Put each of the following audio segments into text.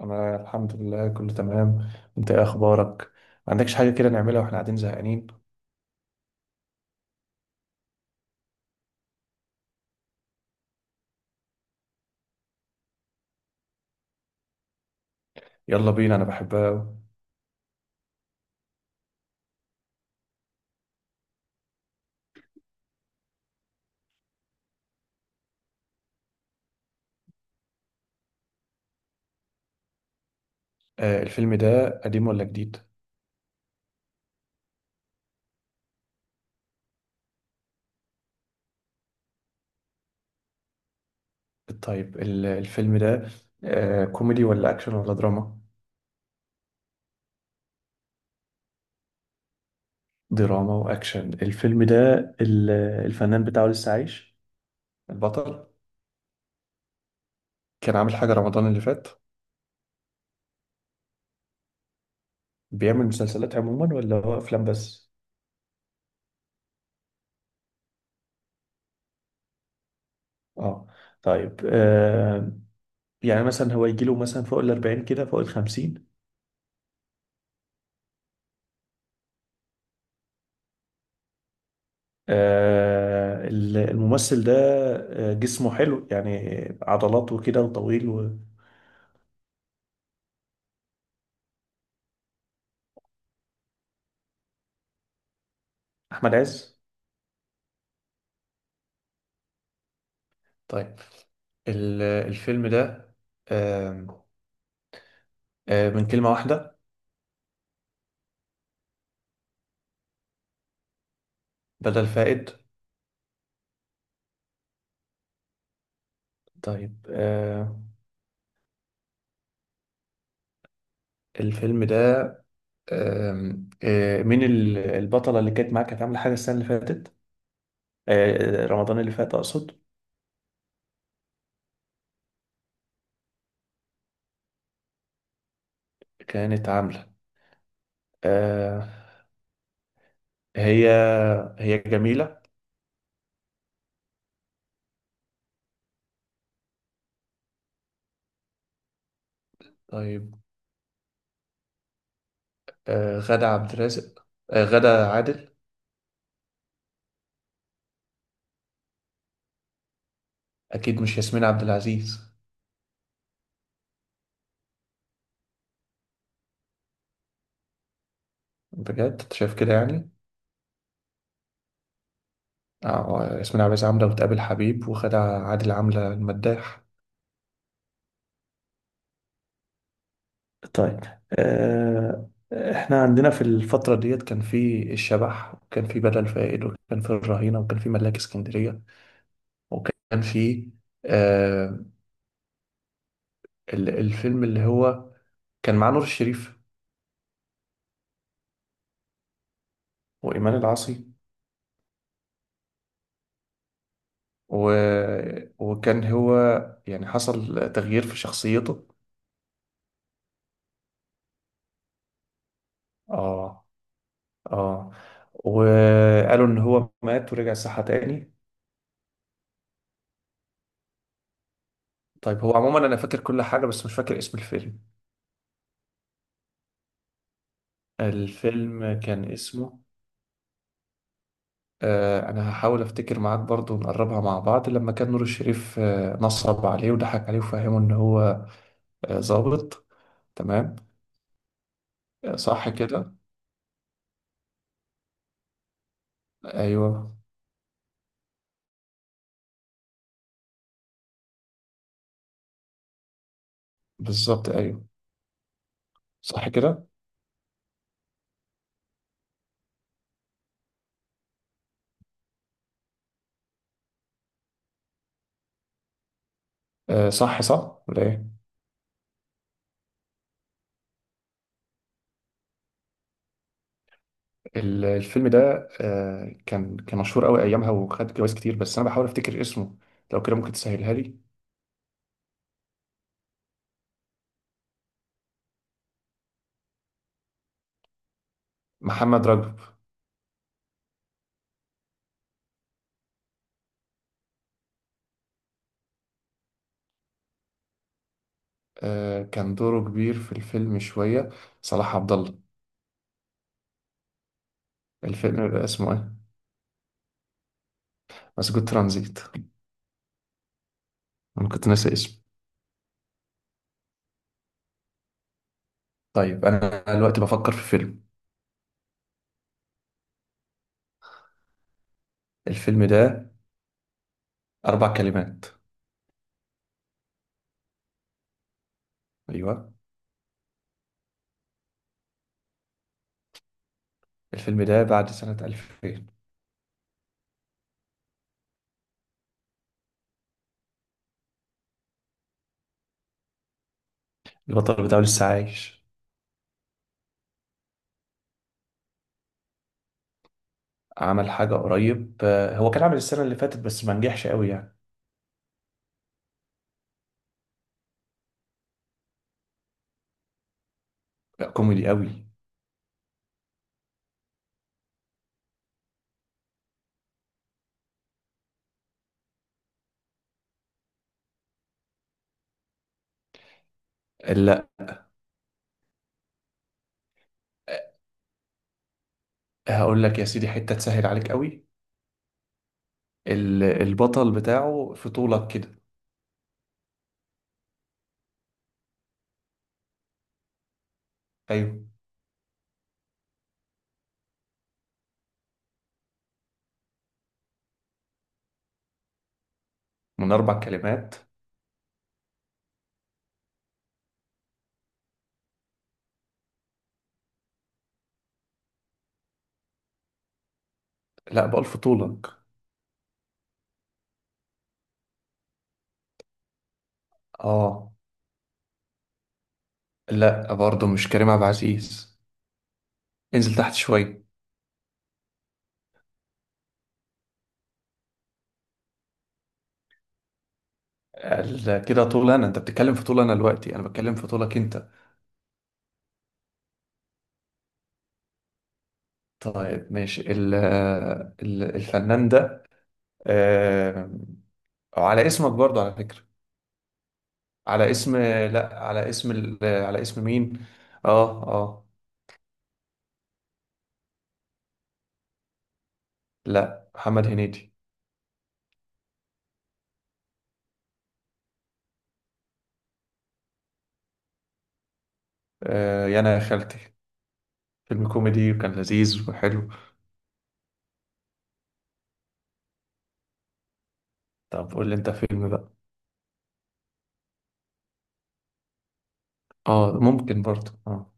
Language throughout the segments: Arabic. انا الحمد لله كله تمام. انت ايه اخبارك؟ ما عندكش حاجه كده نعملها واحنا قاعدين زهقانين؟ يلا بينا انا بحبها أوي. آه، الفيلم ده قديم ولا جديد؟ طيب، الفيلم ده كوميدي ولا اكشن ولا دراما؟ دراما واكشن الفيلم ده. ال- الفنان بتاعه لسه عايش؟ البطل. كان عامل حاجه رمضان اللي فات؟ بيعمل مسلسلات عموما ولا هو افلام بس؟ اه. طيب. يعني مثلا هو يجيله مثلا فوق ال 40 كده فوق ال 50؟ الممثل ده جسمه حلو يعني؟ عضلات وكده وطويل أحمد عز. طيب، الفيلم ده آم، آه، من كلمة واحدة؟ بدل فائد؟ طيب. الفيلم ده آم، آه، مين البطلة اللي كانت معاك كانت عاملة حاجة السنة اللي فاتت؟ رمضان اللي فات أقصد. كانت عاملة. آه، هي هي جميلة؟ طيب. غادة عبد الرازق؟ غادة عادل؟ اكيد مش ياسمين عبد العزيز؟ بجد انت شايف كده يعني؟ اه، ياسمين عبد العزيز عامله وتقابل حبيب وخدع، عادل عامله المداح. طيب. احنا عندنا في الفترة ديت كان في الشبح وكان في بدل فائد وكان في الرهينه وكان في ملاك اسكندريه وكان في آه الفيلم اللي هو كان مع نور الشريف وإيمان العاصي و... وكان هو يعني حصل تغيير في شخصيته. اه اه. وقالوا ان هو مات ورجع صحة تاني. طيب هو عموما انا فاكر كل حاجة بس مش فاكر اسم الفيلم. الفيلم كان اسمه انا هحاول افتكر معاك برضو نقربها مع بعض لما كان نور الشريف نصب عليه وضحك عليه وفهمه ان هو ظابط. تمام. آه، صح كده. ايوه بالظبط ايوه. صح كده. آه صح صح ولا ايه؟ الفيلم ده كان مشهور قوي ايامها وخد جوائز كتير بس انا بحاول افتكر اسمه. لو كده ممكن تسهلها لي؟ محمد رجب؟ آه كان دوره كبير في الفيلم شوية. صلاح عبد الله. الفيلم بيبقى اسمه ايه؟ مسجون ترانزيت. انا كنت ناسي اسمه. طيب انا دلوقتي بفكر في فيلم. الفيلم ده اربع كلمات. ايوه. الفيلم ده بعد سنة 2000. البطل بتاعه لسه عايش. عمل حاجة قريب. هو كان عامل السنة اللي فاتت بس ما نجحش قوي يعني. كوميدي قوي. لا. هقول لك يا سيدي حتة تسهل عليك قوي. البطل بتاعه في طولك كده. ايوه. من اربع كلمات. لا بألف طولك. اه لا برضه مش كريم عبد العزيز. انزل تحت شوية. كده طول انا انت بتتكلم في طول انا دلوقتي انا بتكلم في طولك انت. طيب ماشي الفنان ده. آه على اسمك برضه على فكرة. على اسم، لا على اسم على اسم مين؟ اه اه. لا محمد هنيدي. يا انا يا خالتي. فيلم كوميدي وكان لذيذ وحلو. طب قول لي انت فيلم بقى. اه ممكن برضه اه.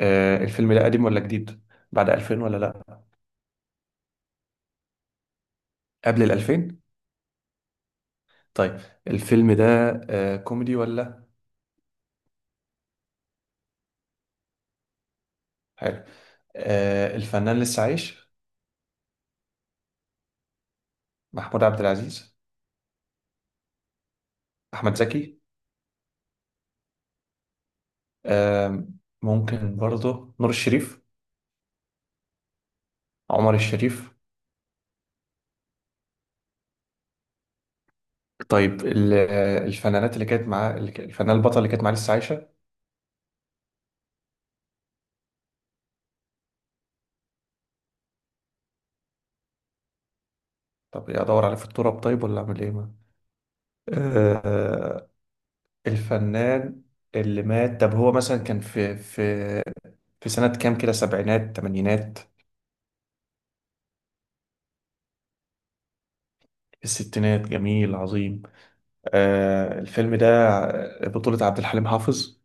الفيلم ده قديم ولا جديد؟ بعد 2000 ولا لا؟ قبل ال 2000؟ طيب الفيلم ده كوميدي ولا؟ حلو. الفنان لسه عايش؟ محمود عبد العزيز؟ احمد زكي؟ آه، ممكن برضه نور الشريف؟ عمر الشريف؟ طيب الفنانات اللي كانت معاه اللي الفنان البطل اللي كانت معاه لسه عايشه؟ طب ادور عليه في التراب طيب ولا اعمل ايه ما آه، الفنان اللي مات طب هو مثلا كان في في سنة كام كده سبعينات تمانينات؟ في الستينات جميل عظيم. آه الفيلم ده بطولة عبد الحليم حافظ؟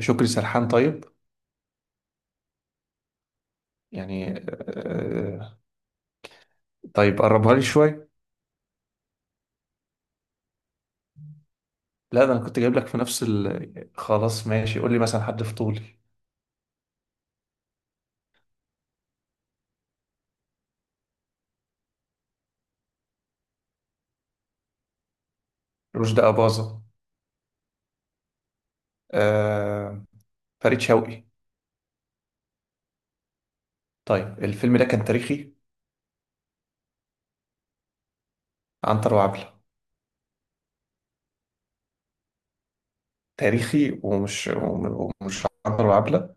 شكري سرحان؟ طيب يعني آه. طيب قربها لي شوية. لا ده انا كنت جايب لك في نفس خلاص ماشي قول لي مثلا حد في طولي. رشدي أباظة؟ آه فريد شوقي؟ طيب الفيلم ده كان تاريخي؟ عنتر وعبلة؟ تاريخي ومش عنتر وعبلة.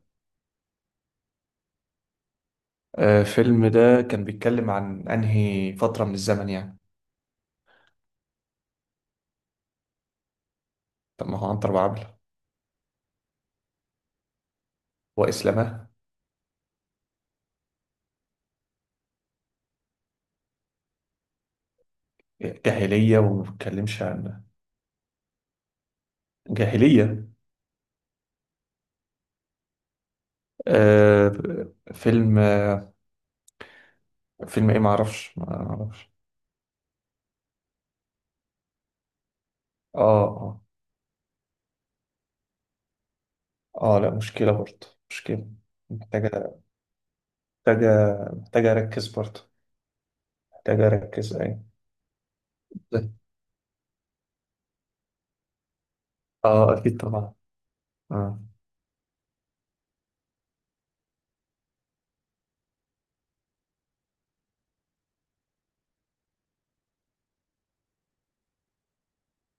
آه الفيلم ده كان بيتكلم عن انهي فترة من الزمن يعني؟ طب ما هو عنتر وعبلة وإسلامه. جاهلية وما بتكلمش عن جاهلية. آه فيلم آه فيلم ايه؟ معرفش معرفش. اه اه اه، لا مشكلة برضه مشكلة. محتاجة محتاجة محتاجة أركز برضه محتاجة أركز أيوة. اه أكيد طبعا. آه.